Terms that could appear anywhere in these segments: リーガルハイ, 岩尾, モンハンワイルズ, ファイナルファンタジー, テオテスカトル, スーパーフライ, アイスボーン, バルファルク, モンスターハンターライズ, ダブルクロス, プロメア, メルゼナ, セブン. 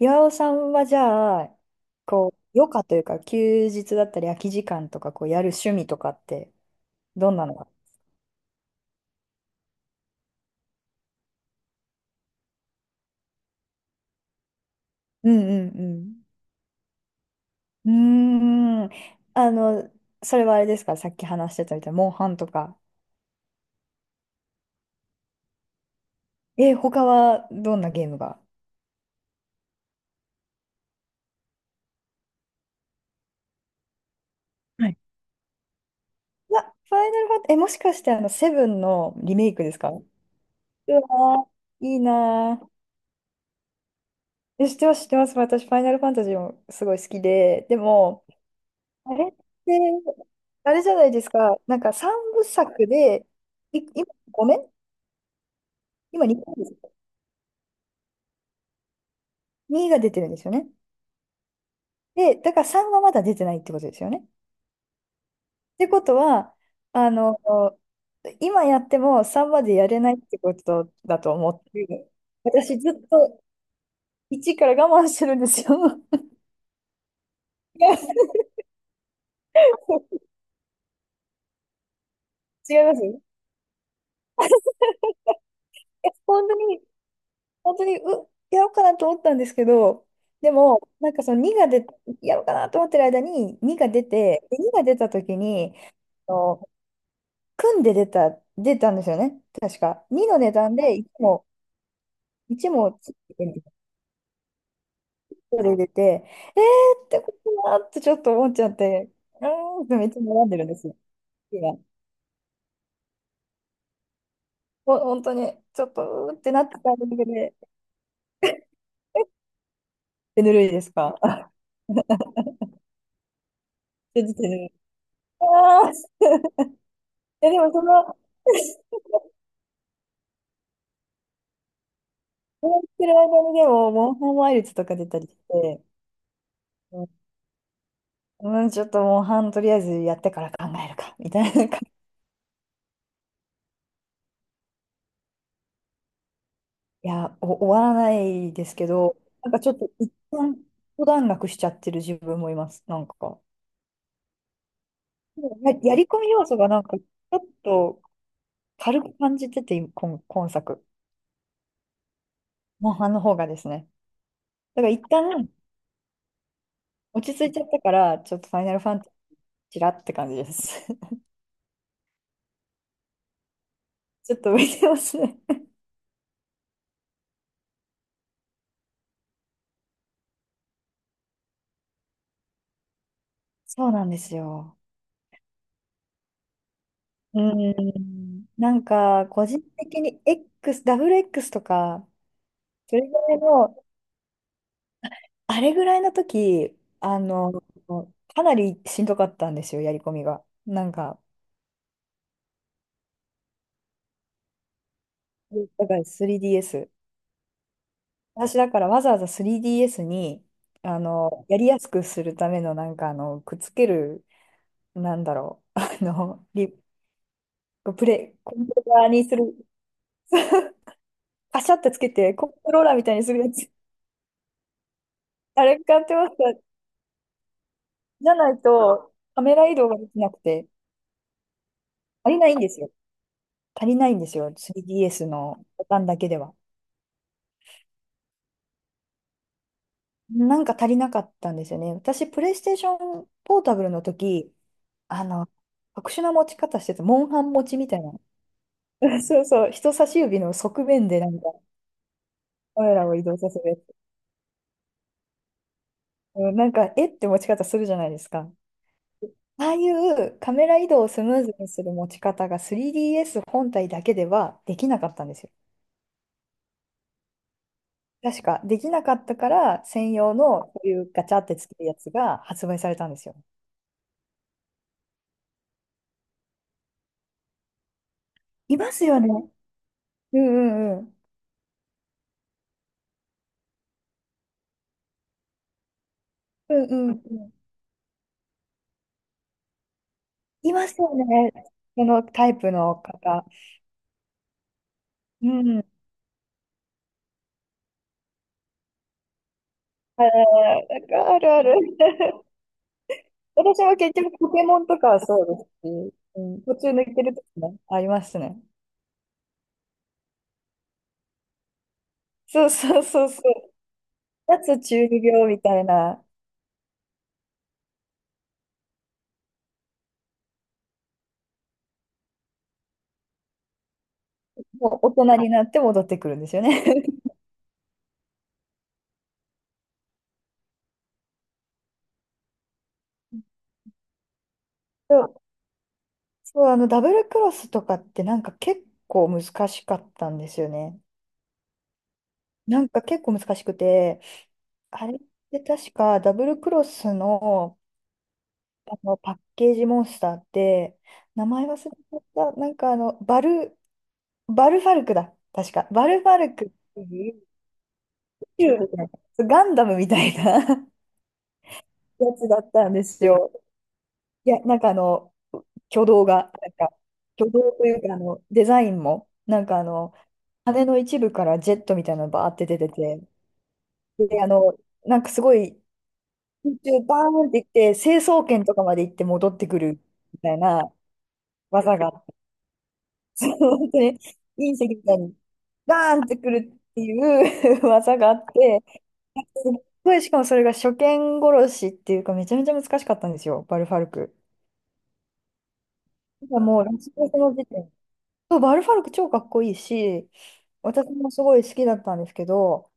岩尾さんはじゃあ、こう、余暇というか、休日だったり、空き時間とか、こう、やる趣味とかって、どんなのが？うんうんうん。うーん。あの、それはあれですか、さっき話してたみたいな、モンハンとか。え、他はどんなゲームが？はい。あ、ファイナルファン、え、もしかして、セブンのリメイクですか？うわー、いいなー。え、知ってます、知ってます。私、ファイナルファンタジーもすごい好きで、でも、あれって、あれじゃないですか。なんか三部作で、今ごめん、今2です。にが出てるんですよね。で、だから3はまだ出てないってことですよね。ってことは、あの、今やっても3までやれないってことだと思って、私ずっと1から我慢してるんですよ。違います。違います。え、本当に本当に、やろうかなと思ったんですけど、でも、なんかその2が出、やろうかなと思ってる間に2が出て、で2が出た時に、あの、組んで出た、んですよね、確か。2の値段で1もついてるんですよ。それ出て、えーってことだなってちょっと思っちゃって、うーんってめっちゃ悩んでるんですよ。今。本当に、ちょっとうーってなってたタイで、手ぬるいですかあ？ 手ぬるい。あー、いやでもこうしてる間にでも、モンハンワイルズとか出たりして、うん、うん、ちょっとモンハンとりあえずやってから考えるか、みたいな感じ。いや、終わらないですけど、なんかちょっと一旦、一段落しちゃってる自分もいます、なんか。やり込み要素がなんか、ちょっと軽く感じてて、今作。モンハンの方がですね。だから一旦、落ち着いちゃったから、ちょっとファイナルファンタジーちらって感じです。ちょっと浮いてますね。そうなんですよ。うん。なんか、個人的に X、ダブル X とか、それぐらいの、あれぐらいの時、あの、かなりしんどかったんですよ、やり込みが。なんか、だから 3DS。私だからわざわざ 3DS に、やりやすくするための、なんか、くっつける、なんだろう、あの、リ、プレイ、コントローラーにする、パシャってつけて、コントローラーみたいにするやつ、あれ買ってました。じゃないと、カメラ移動ができなくて、足りないんですよ。足りないんですよ。3DS のボタンだけでは。なんか足りなかったんですよね。私、プレイステーションポータブルの時、あの、特殊な持ち方してた、モンハン持ちみたいな。そうそう、人差し指の側面でなんかカメラを移動させるやつ。うん、なんか、えって持ち方するじゃないですか。ああいうカメラ移動をスムーズにする持ち方が 3DS 本体だけではできなかったんですよ。確か、できなかったから専用のこういうガチャってつけるやつが発売されたんですよ。いますよね。うんうんうん。うんうんうん。いますよね。そのタイプの方。うん。あー、あるある。私も結局ポケモンとかはそうですし、うん、途中抜けるときもありますね。そうそうそうそう。夏中二病みたいな、もう大人になって戻ってくるんですよね。そう、ダブルクロスとかってなんか結構難しかったんですよね。なんか結構難しくて、あれって確かダブルクロスの、あのパッケージモンスターって、名前忘れちゃった、なんかバルファルクだ。確か。バルファルクっていう、ヒューみたいなガンダムみたいな やつだったんですよ。いや、なんか挙動が、なんか、挙動というか、デザインも、なんか羽の一部からジェットみたいなのバーって出てて、で、なんかすごい、空中バーンっていって、成層圏とかまで行って戻ってくるみたいな技があって、本当に隕石みたいにバーンってくるっていう 技があって、すっごい、しかもそれが初見殺しっていうか、めちゃめちゃ難しかったんですよ、バルファルク。だからもう、ラスボスの時点。そうバルファルク超かっこいいし、私もすごい好きだったんですけど、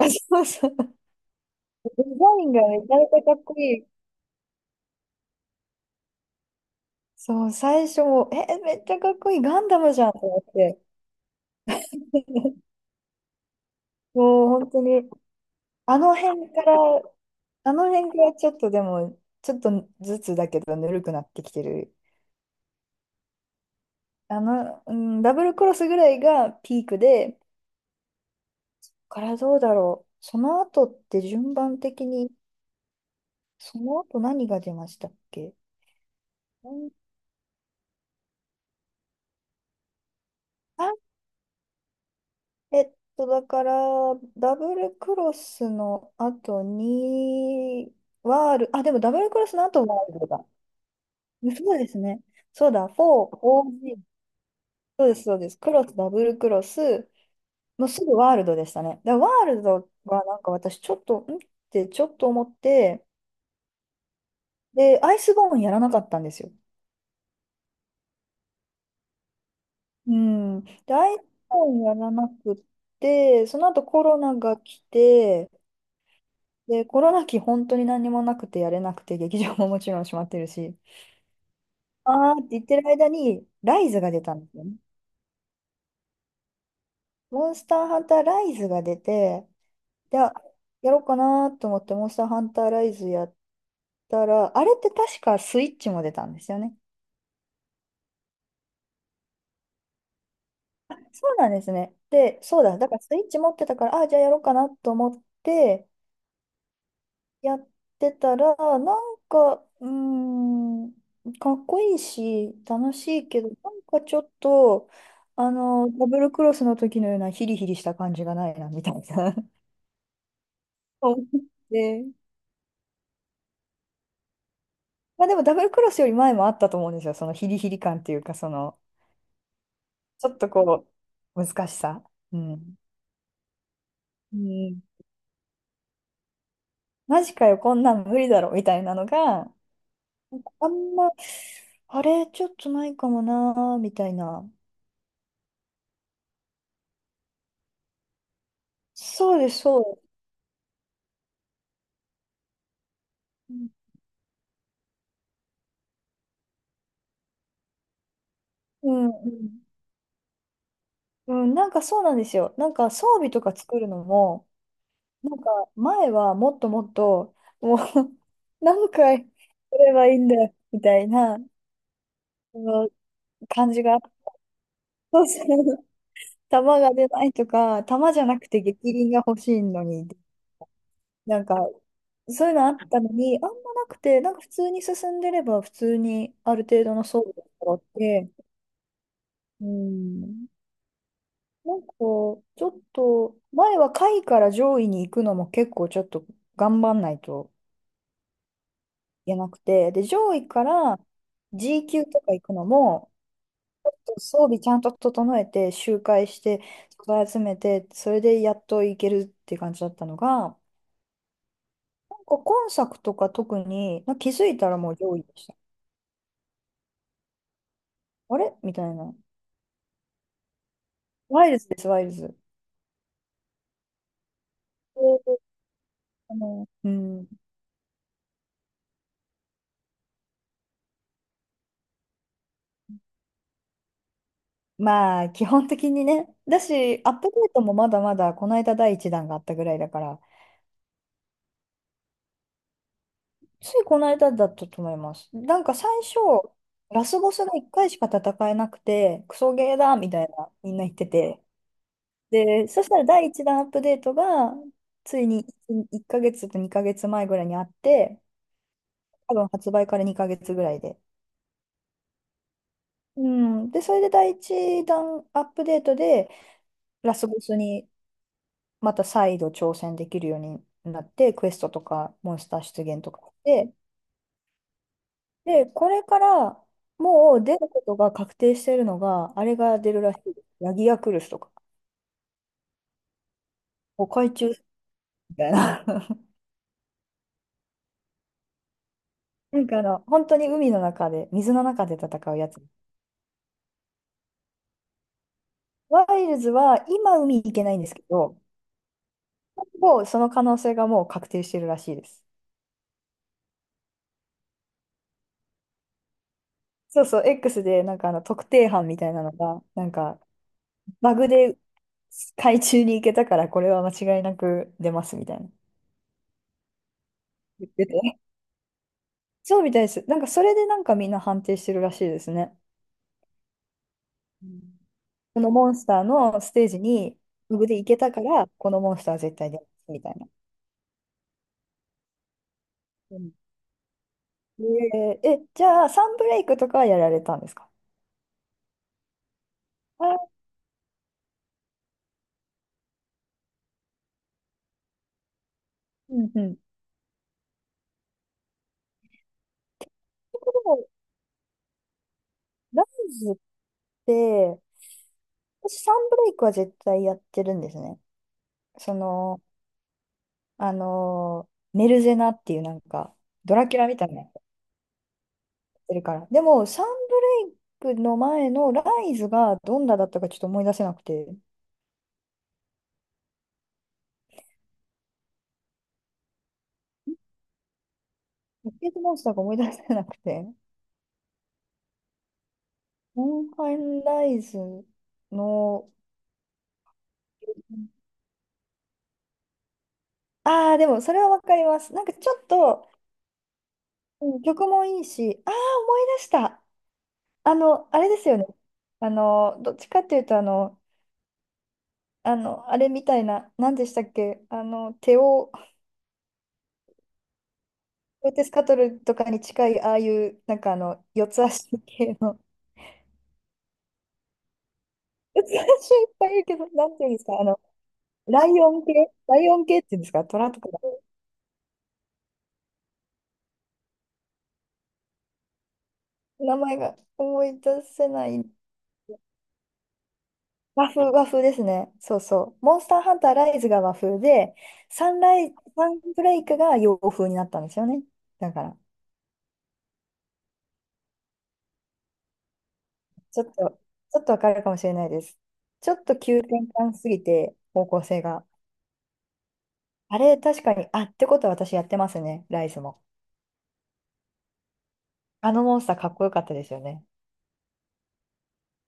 そうそう。デザインがめちゃめちゃかっこいい。そう、最初も、え、めっちゃかっこいい、ガンダムじゃんと思って、もう本当に、あの辺から、あの辺からちょっとでも、ちょっとずつだけど、ぬるくなってきてる。うん、ダブルクロスぐらいがピークで、ここからどうだろう。その後って順番的に、その後何が出ましたっけ？うん、あ、だから、ダブルクロスの後に、ワール、あ、でもダブルクロスの後ワールドだ。そうですね。そうだ、4、OG。そうです、そうです。クロス、ダブルクロス、もうすぐワールドでしたね。で、ワールドがなんか私ちょっと、んってちょっと思って、で、アイスボーンやらなかったんですよ。うん。で、アイスボーンやらなくって、その後コロナが来て、で、コロナ期本当に何もなくてやれなくて、劇場ももちろん閉まってるし、あーって言ってる間に、ライズが出たんですよね。モンスターハンターライズが出て、じゃあ、やろうかなと思って、モンスターハンターライズやったら、あれって確かスイッチも出たんですよね。そうなんですね。で、そうだ、だからスイッチ持ってたから、あ、じゃあやろうかなと思って、やってたら、なんか、ん、かっこいいし、楽しいけど、なんかちょっと、ダブルクロスの時のようなヒリヒリした感じがないな、みたいな。思って、まあでもダブルクロスより前もあったと思うんですよ、そのヒリヒリ感っていうか、その、ちょっとこう、難しさ。うん。うん。マジかよ、こんなん無理だろ、みたいなのが、あんま、あれ、ちょっとないかもな、みたいな。そうです、そうです。うん、うん。うん、なんかそうなんですよ。なんか装備とか作るのも、なんか前はもっともっと、もう 何回すればいいんだよ、みたいな、その感じが。そうそう。弾が出ないとか、弾じゃなくて逆鱗が欲しいのに、なんか、そういうのあったのに、あんまなくて、なんか普通に進んでれば、普通にある程度の装備が揃って、うん、なんかちょっと、前は下位から上位に行くのも結構ちょっと頑張んないといけなくて、で、上位から G 級とか行くのも、装備ちゃんと整えて、周回して、素材集めて、それでやっと行けるって感じだったのが、なんか今作とか特に、なんか気づいたらもう上位でした。あれみたいな。ワイルズです、ワイルズ。そうそうあの、うん。まあ、基本的にね。だし、アップデートもまだまだ、この間第一弾があったぐらいだから、ついこの間だったと思います。なんか最初、ラスボスが1回しか戦えなくて、クソゲーだみたいな、みんな言ってて。で、そしたら第一弾アップデートが、ついに1ヶ月と2ヶ月前ぐらいにあって、多分発売から2ヶ月ぐらいで。うん。で、それで第一弾アップデートで、ラスボスにまた再度挑戦できるようになって、クエストとかモンスター出現とかして、で、これからもう出ることが確定してるのが、あれが出るらしいです。ヤギヤクルスとか、お海中みたいな。本当に海の中で、水の中で戦うやつ。ワイルズは今海行けないんですけど、もうその可能性がもう確定してるらしいです。そうそう、X で特定班みたいなのが、バグで海中に行けたからこれは間違いなく出ますみたいな。言ってて。そうみたいです。それでみんな判定してるらしいですね。うん、このモンスターのステージにフグで行けたから、このモンスターは絶対出ますみたいな。うん、えー、え、じゃあサンブレイクとかはやられたんですか？あ、うんうん。ところでライズって、私サンブレイクは絶対やってるんですね。その、あのーメルゼナっていうドラキュラみたいなてるから。でも、サンブレイクの前のライズがどんなだったかちょっと思い出せなくて、ポケットモンスターが思い出せなくて、モンハンライズの、ああ、でもそれはわかります。なんかちょっと、うん、曲もいいし、ああ、思い出した。あれですよね。どっちかっていうと、あれみたいな、何でしたっけ、手を、テオテスカトルとかに近い、ああいう、四つ足系の。 私いっぱいいるけど、なんていうんですか、ライオン系、ライオン系っていうんですか、虎とか。名前が思い出せない。和風、和風ですね。そうそう。モンスターハンターライズが和風で、サンライ、サンブレイクが洋風になったんですよね。だから、ちょっと、ちょっとわかるかもしれないです。ちょっと急転換すぎて、方向性が。あれ、確かに、あ、ってことは私やってますね、ライズも。あのモンスターかっこよかったですよね。